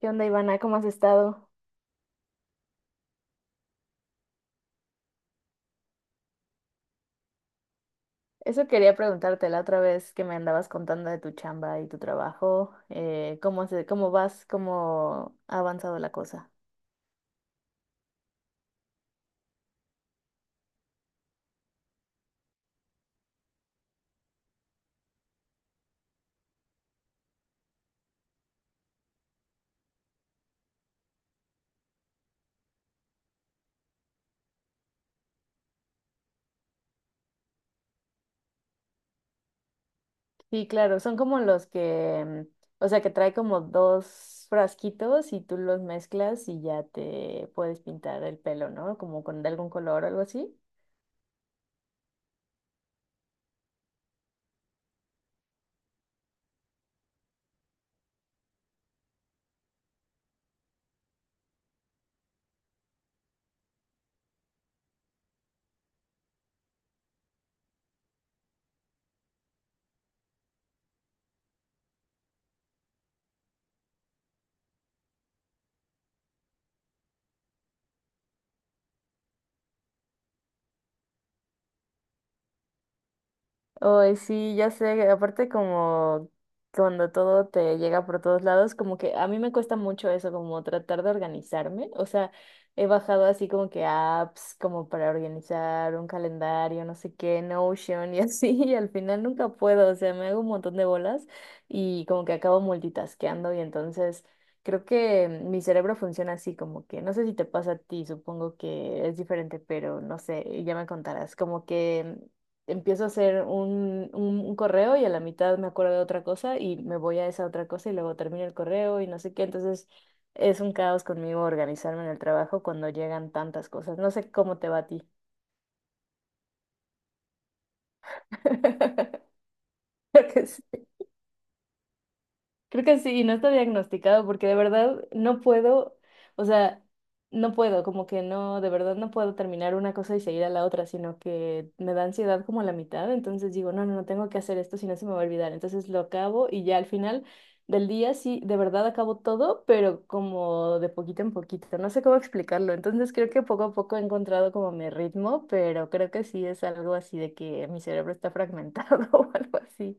¿Qué onda, Ivana? ¿Cómo has estado? Eso quería preguntarte la otra vez que me andabas contando de tu chamba y tu trabajo. ¿Cómo se, cómo vas? ¿Cómo ha avanzado la cosa? Sí, claro, son como los que, o sea, que trae como dos frasquitos y tú los mezclas y ya te puedes pintar el pelo, ¿no? Como con de algún color o algo así. Ay, sí, ya sé, aparte como cuando todo te llega por todos lados, como que a mí me cuesta mucho eso, como tratar de organizarme, o sea, he bajado así como que apps como para organizar un calendario, no sé qué, Notion y así, y al final nunca puedo, o sea, me hago un montón de bolas y como que acabo multitasqueando y entonces creo que mi cerebro funciona así, como que no sé si te pasa a ti, supongo que es diferente, pero no sé, ya me contarás, como que empiezo a hacer un correo y a la mitad me acuerdo de otra cosa y me voy a esa otra cosa y luego termino el correo y no sé qué. Entonces es un caos conmigo organizarme en el trabajo cuando llegan tantas cosas. No sé cómo te va a ti. Creo que sí. Creo que sí, y no está diagnosticado porque de verdad no puedo, o sea, no puedo, como que no, de verdad no puedo terminar una cosa y seguir a la otra, sino que me da ansiedad como la mitad, entonces digo, no, no, no tengo que hacer esto, si no se me va a olvidar, entonces lo acabo y ya al final del día sí, de verdad acabo todo, pero como de poquito en poquito, no sé cómo explicarlo, entonces creo que poco a poco he encontrado como mi ritmo, pero creo que sí es algo así de que mi cerebro está fragmentado o algo así.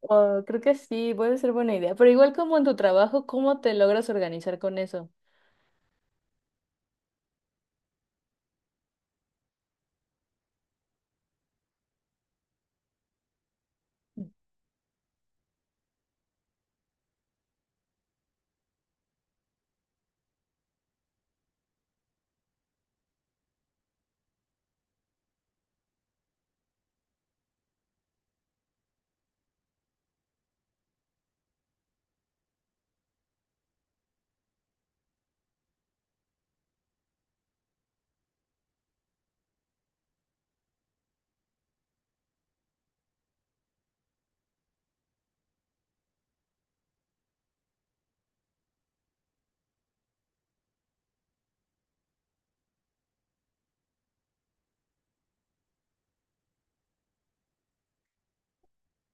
Oh, creo que sí, puede ser buena idea. Pero igual como en tu trabajo, ¿cómo te logras organizar con eso?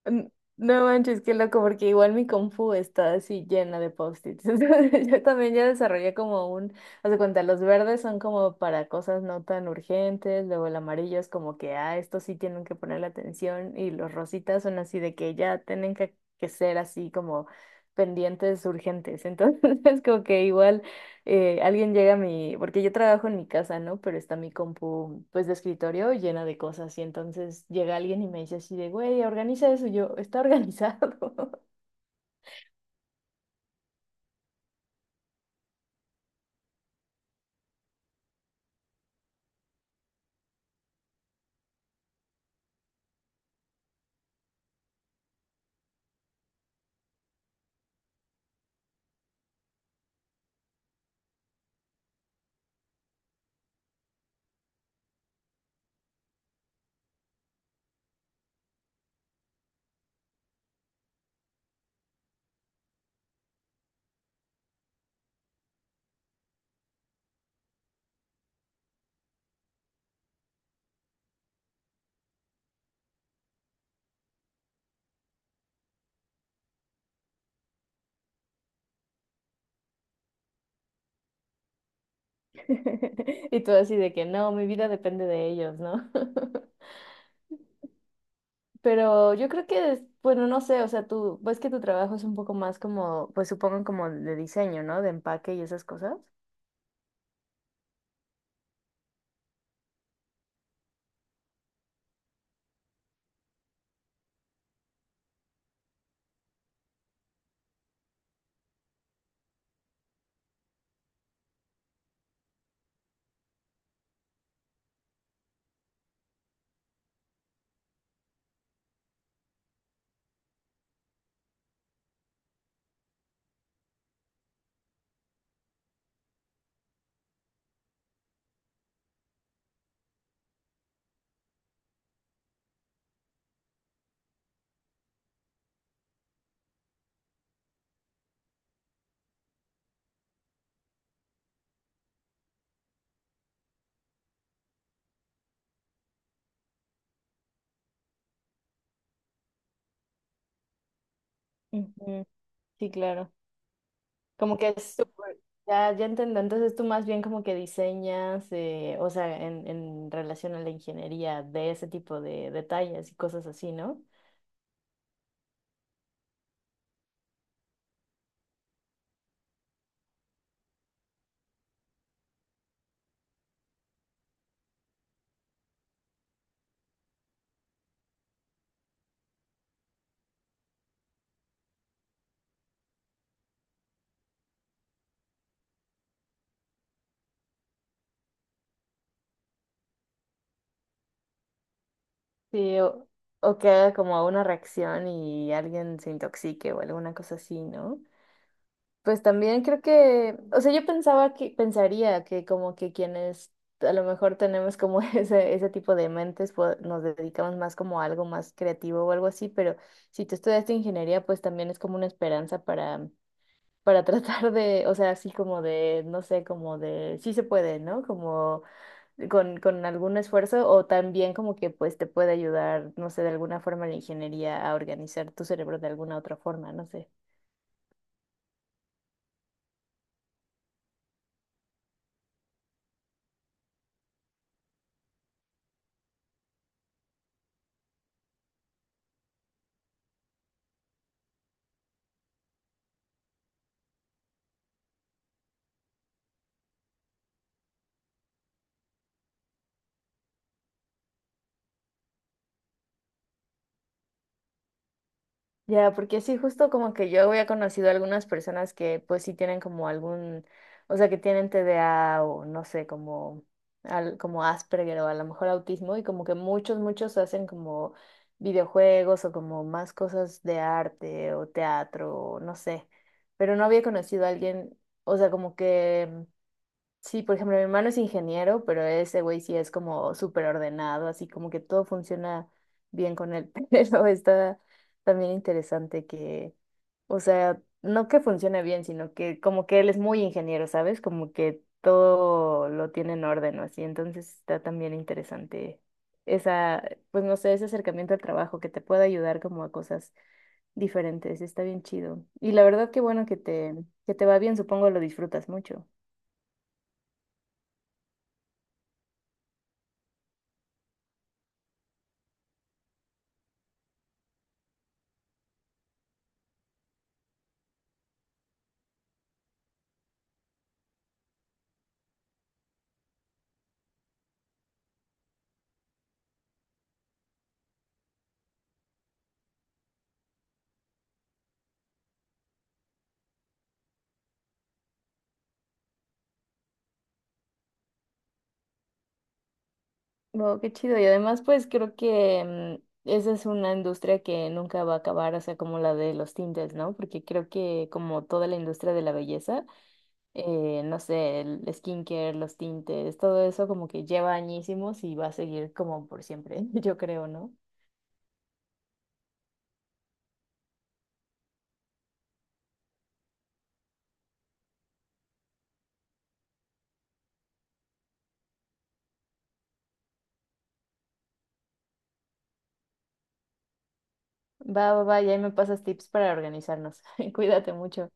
N- No manches, qué loco, porque igual mi Confu está así llena de post-its. Entonces, yo también ya desarrollé como un, haz de cuenta, los verdes son como para cosas no tan urgentes, luego el amarillo es como que, ah, esto sí tienen que ponerle atención, y los rositas son así de que ya tienen que ser así como pendientes urgentes. Entonces, es como que igual. Alguien llega a mi, porque yo trabajo en mi casa, ¿no? Pero está mi compu, pues, de escritorio llena de cosas. Y entonces llega alguien y me dice así de, güey, organiza eso. Y yo, está organizado. Y todo así de que, no, mi vida depende de ellos, ¿no? Pero yo creo que, bueno, no sé, o sea, tú, ves que tu trabajo es un poco más como, pues supongo como de diseño, ¿no? De empaque y esas cosas. Ujú. Sí, claro. Como que es súper- Ya, ya entiendo, entonces tú más bien como que diseñas, o sea, en relación a la ingeniería de ese tipo de detalles y cosas así, ¿no? Sí, o que haga como una reacción y alguien se intoxique o alguna cosa así, ¿no? Pues también creo que, o sea, yo pensaba que, pensaría que como que quienes a lo mejor tenemos como ese tipo de mentes, pues, nos dedicamos más como a algo más creativo o algo así, pero si tú estudiaste ingeniería, pues también es como una esperanza para tratar de, o sea, así como de, no sé, como de, sí se puede, ¿no? Como con algún esfuerzo o también como que pues te puede ayudar, no sé, de alguna forma la ingeniería a organizar tu cerebro de alguna otra forma, no sé. Ya, porque sí, justo como que yo había conocido algunas personas que pues sí tienen como algún, o sea, que tienen TDA o no sé, como, como Asperger o a lo mejor autismo y como que muchos, muchos hacen como videojuegos o como más cosas de arte o teatro o no sé, pero no había conocido a alguien, o sea, como que Sí, por ejemplo, mi hermano es ingeniero, pero ese güey sí es como súper ordenado, así como que todo funciona bien con él. Pero está también interesante que, o sea, no que funcione bien, sino que como que él es muy ingeniero, ¿sabes? Como que todo lo tiene en orden o así. Entonces está también interesante esa, pues no sé, ese acercamiento al trabajo que te puede ayudar como a cosas diferentes. Está bien chido. Y la verdad que bueno que te va bien, supongo lo disfrutas mucho. Wow, qué chido. Y además, pues creo que esa es una industria que nunca va a acabar, o sea, como la de los tintes, ¿no? Porque creo que como toda la industria de la belleza, no sé, el skincare, los tintes, todo eso como que lleva añísimos y va a seguir como por siempre, yo creo, ¿no? Va, va, va, y ahí me pasas tips para organizarnos. Cuídate mucho.